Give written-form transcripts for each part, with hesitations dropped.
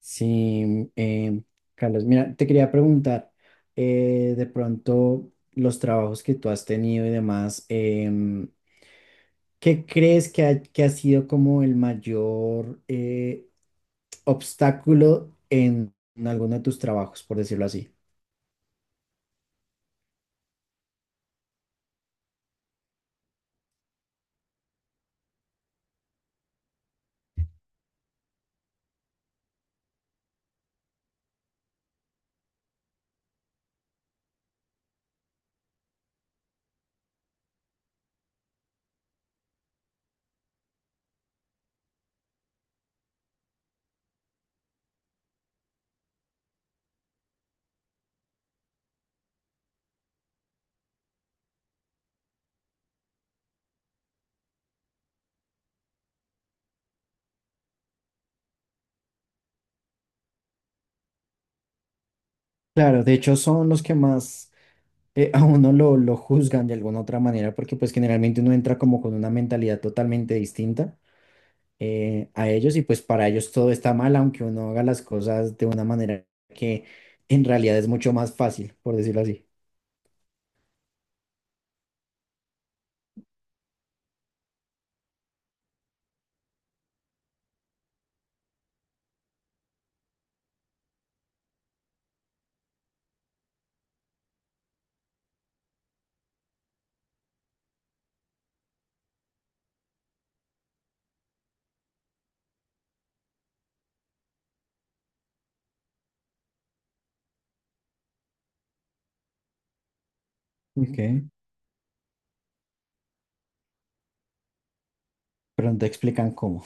Sí, Carlos, mira, te quería preguntar, de pronto los trabajos que tú has tenido y demás, ¿qué crees que que ha sido como el mayor obstáculo en alguno de tus trabajos, por decirlo así? Claro, de hecho son los que más a uno lo juzgan de alguna otra manera, porque pues generalmente uno entra como con una mentalidad totalmente distinta. A ellos y pues para ellos todo está mal, aunque uno haga las cosas de una manera que en realidad es mucho más fácil, por decirlo así. Ok, pero no te explican cómo.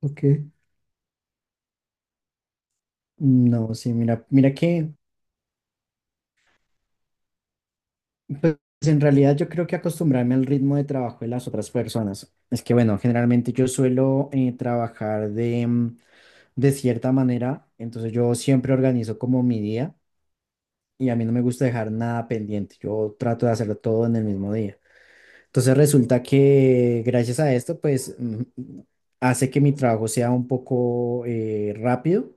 Ok. No, sí, mira, pues en realidad yo creo que acostumbrarme al ritmo de trabajo de las otras personas. Es que bueno, generalmente yo suelo trabajar de cierta manera, entonces yo siempre organizo como mi día y a mí no me gusta dejar nada pendiente, yo trato de hacerlo todo en el mismo día. Entonces resulta que gracias a esto, hace que mi trabajo sea un poco rápido.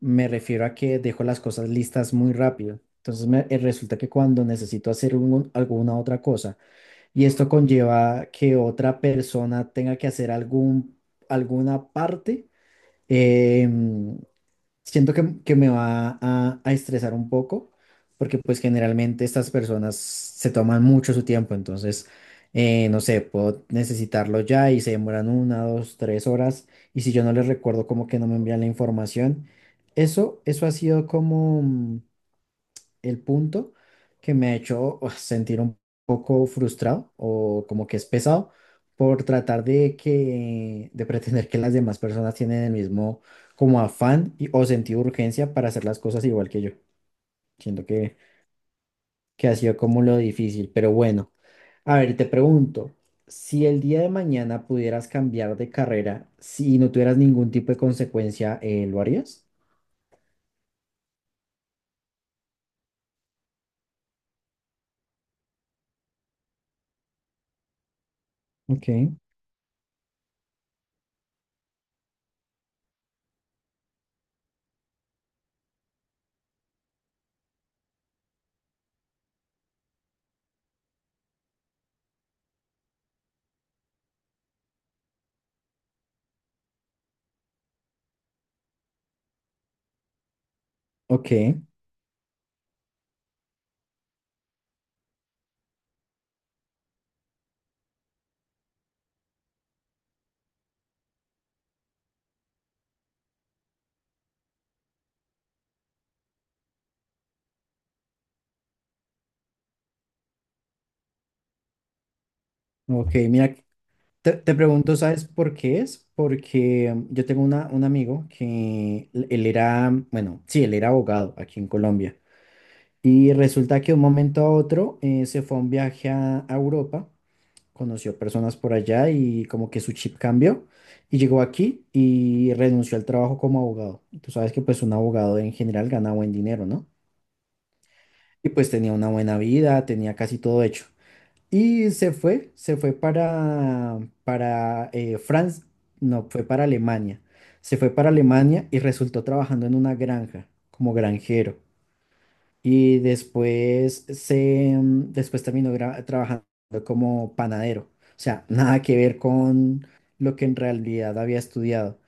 Me refiero a que dejo las cosas listas muy rápido. Entonces resulta que cuando necesito alguna otra cosa y esto conlleva que otra persona tenga que hacer alguna parte, em, siento que me va a estresar un poco, porque pues generalmente estas personas se toman mucho su tiempo, entonces, no sé, puedo necesitarlo ya y se demoran una, dos, tres horas, y si yo no les recuerdo como que no me envían la información. Eso ha sido el punto que me ha hecho uf, sentir un poco frustrado o como que es pesado por tratar de de pretender que las demás personas tienen el mismo como o sentido de urgencia para hacer las cosas igual que yo. Siento que ha sido como lo difícil, pero bueno. A ver, te pregunto, si el día de mañana pudieras cambiar de carrera, si no tuvieras ningún tipo de consecuencia, ¿lo harías? Ok, ok, ok. Mira, Te pregunto, ¿sabes por qué es? Porque mm, yo tengo un amigo él era, mm, bueno, sí, él era abogado aquí en Colombia. Y resulta que de un momento a otro se fue a un viaje a Europa, conoció personas por allá y como que su chip cambió y llegó aquí y renunció al trabajo como abogado. Y tú sabes que pues un abogado en general gana buen dinero, ¿no? Y pues tenía una buena vida, tenía casi todo hecho. Y se fue para Francia, no, fue para Alemania. Se fue para Alemania y resultó trabajando en una granja como granjero. Y después terminó trabajando como panadero. O sea, nada que ver con lo que en realidad había estudiado.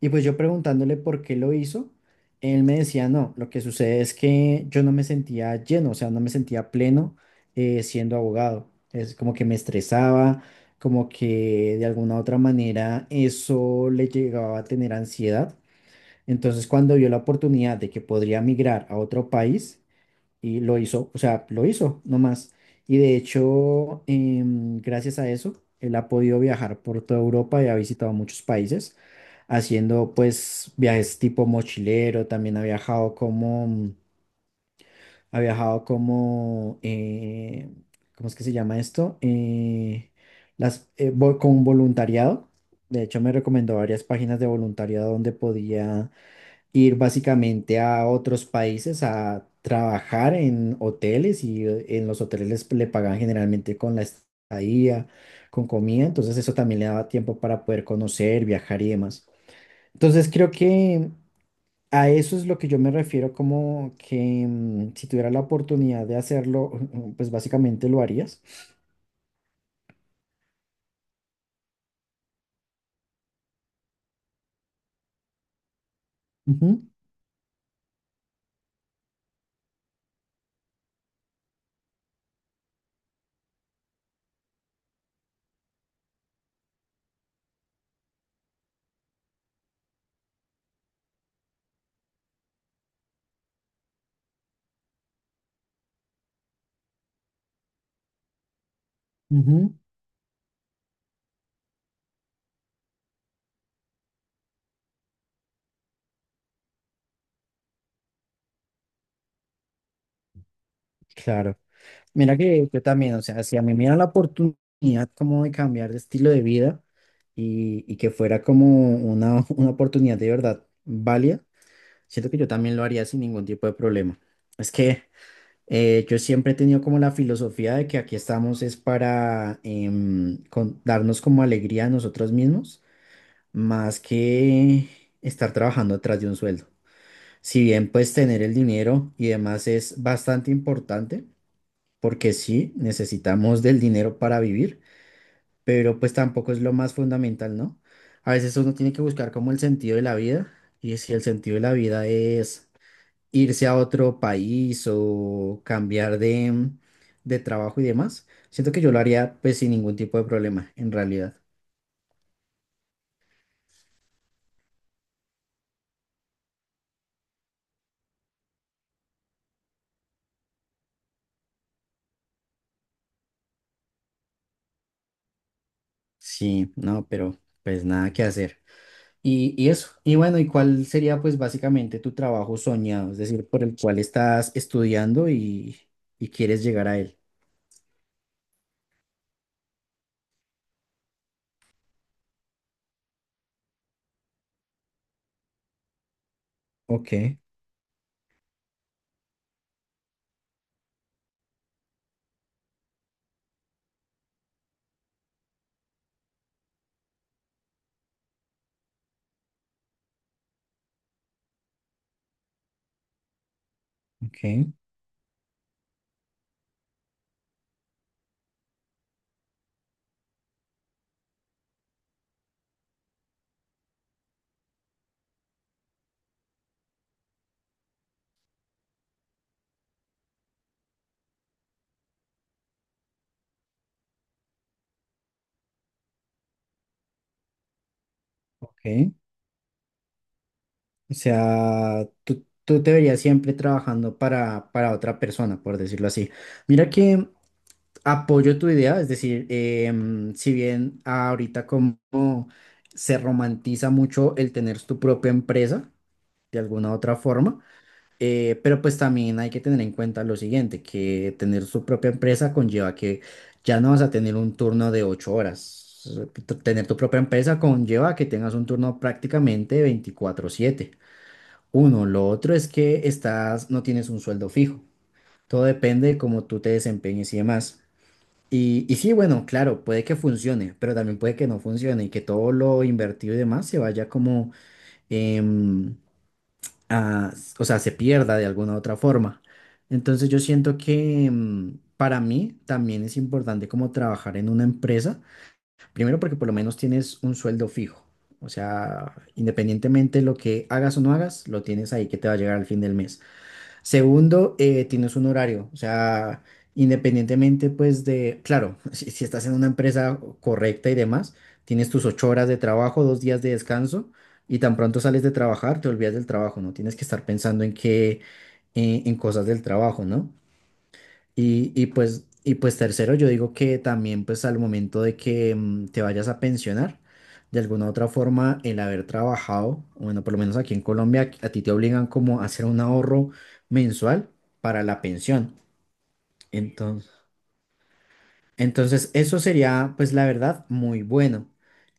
Y pues yo preguntándole por qué lo hizo, él me decía, no, lo que sucede es que yo no me sentía lleno, o sea, no me sentía pleno siendo abogado. Es como que me estresaba, como que de alguna u otra manera eso le llegaba a tener ansiedad. Entonces, cuando vio la oportunidad de que podría migrar a otro país, y lo hizo, o sea, lo hizo nomás. Y de hecho, gracias a eso, él ha podido viajar por toda Europa y ha visitado muchos países, haciendo pues viajes tipo mochilero, también ha viajado ¿cómo es que se llama esto? Con voluntariado. De hecho, me recomendó varias páginas de voluntariado donde podía ir básicamente a otros países a trabajar en hoteles y en los hoteles le pagan generalmente con la estadía, con comida, entonces eso también le daba tiempo para poder conocer, viajar y demás. Entonces creo que a eso es lo que yo me refiero como que si tuviera la oportunidad de hacerlo, pues básicamente lo harías. Ujú, ujú. Claro. Mira que yo también, o sea, si a mí me dieran la oportunidad como de cambiar de estilo de vida y que fuera como una, una oportunidad de verdad válida, siento que yo también lo haría sin ningún tipo de problema. Es que yo siempre he tenido como la filosofía de que aquí estamos es para darnos como alegría a nosotros mismos, más que estar trabajando detrás de un sueldo. Si bien pues tener el dinero y demás es bastante importante porque sí, necesitamos del dinero para vivir, pero pues tampoco es lo más fundamental, ¿no? A veces uno tiene que buscar como el sentido de la vida y si el sentido de la vida es irse a otro país o cambiar de trabajo y demás, siento que yo lo haría pues sin ningún tipo de problema, en realidad. Sí, no, pero pues nada que hacer. Y eso, y bueno, ¿y cuál sería pues básicamente tu trabajo soñado? Es decir, por el cual estás estudiando y quieres llegar a él. Ok, ok, ok. O sea, tú te verías siempre trabajando para otra persona, por decirlo así. Mira que apoyo tu idea, es decir, si bien ahorita como se romantiza mucho el tener tu propia empresa, de alguna u otra forma. Pero pues también hay que tener en cuenta lo siguiente, que tener su propia empresa conlleva que ya no vas a tener un turno de 8 horas. Tener tu propia empresa conlleva que tengas un turno prácticamente 24/7. Uno, lo otro es que estás, no tienes un sueldo fijo. Todo depende de cómo tú te desempeñes y demás. Y sí, bueno, claro, puede que funcione, pero también puede que no funcione y que todo lo invertido y demás se vaya como em, o sea, se pierda de alguna u otra forma. Entonces yo siento que para mí también es importante como trabajar en una empresa, primero porque por lo menos tienes un sueldo fijo, o sea, independientemente de lo que hagas o no hagas, lo tienes ahí que te va a llegar al fin del mes. Segundo, tienes un horario, o sea, independientemente pues de, claro, si estás en una empresa correcta y demás, tienes tus 8 horas de trabajo, 2 días de descanso y tan pronto sales de trabajar, te olvidas del trabajo, no tienes que estar pensando en qué, en cosas del trabajo, ¿no? Y pues tercero, yo digo que también pues al momento de que te vayas a pensionar, de alguna u otra forma, el haber trabajado, bueno, por lo menos aquí en Colombia, a ti te obligan como a hacer un ahorro mensual para la pensión. entonces entonces, eso sería, pues la verdad, muy bueno.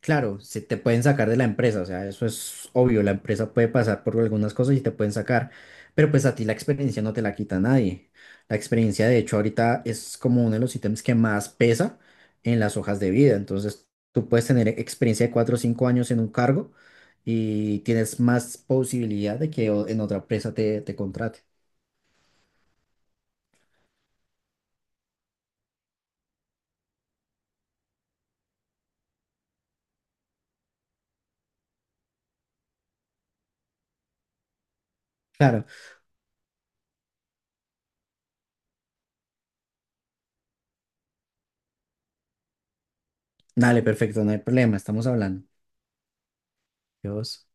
Claro, se te pueden sacar de la empresa, o sea, eso es obvio, la empresa puede pasar por algunas cosas y te pueden sacar, pero pues a ti la experiencia no te la quita nadie. La experiencia, de hecho, ahorita es como uno de los ítems que más pesa en las hojas de vida. Entonces, tú puedes tener experiencia de 4 o 5 años en un cargo y tienes más posibilidad de que en otra empresa te contrate. Claro, dale, perfecto, no hay problema, estamos hablando. Dios.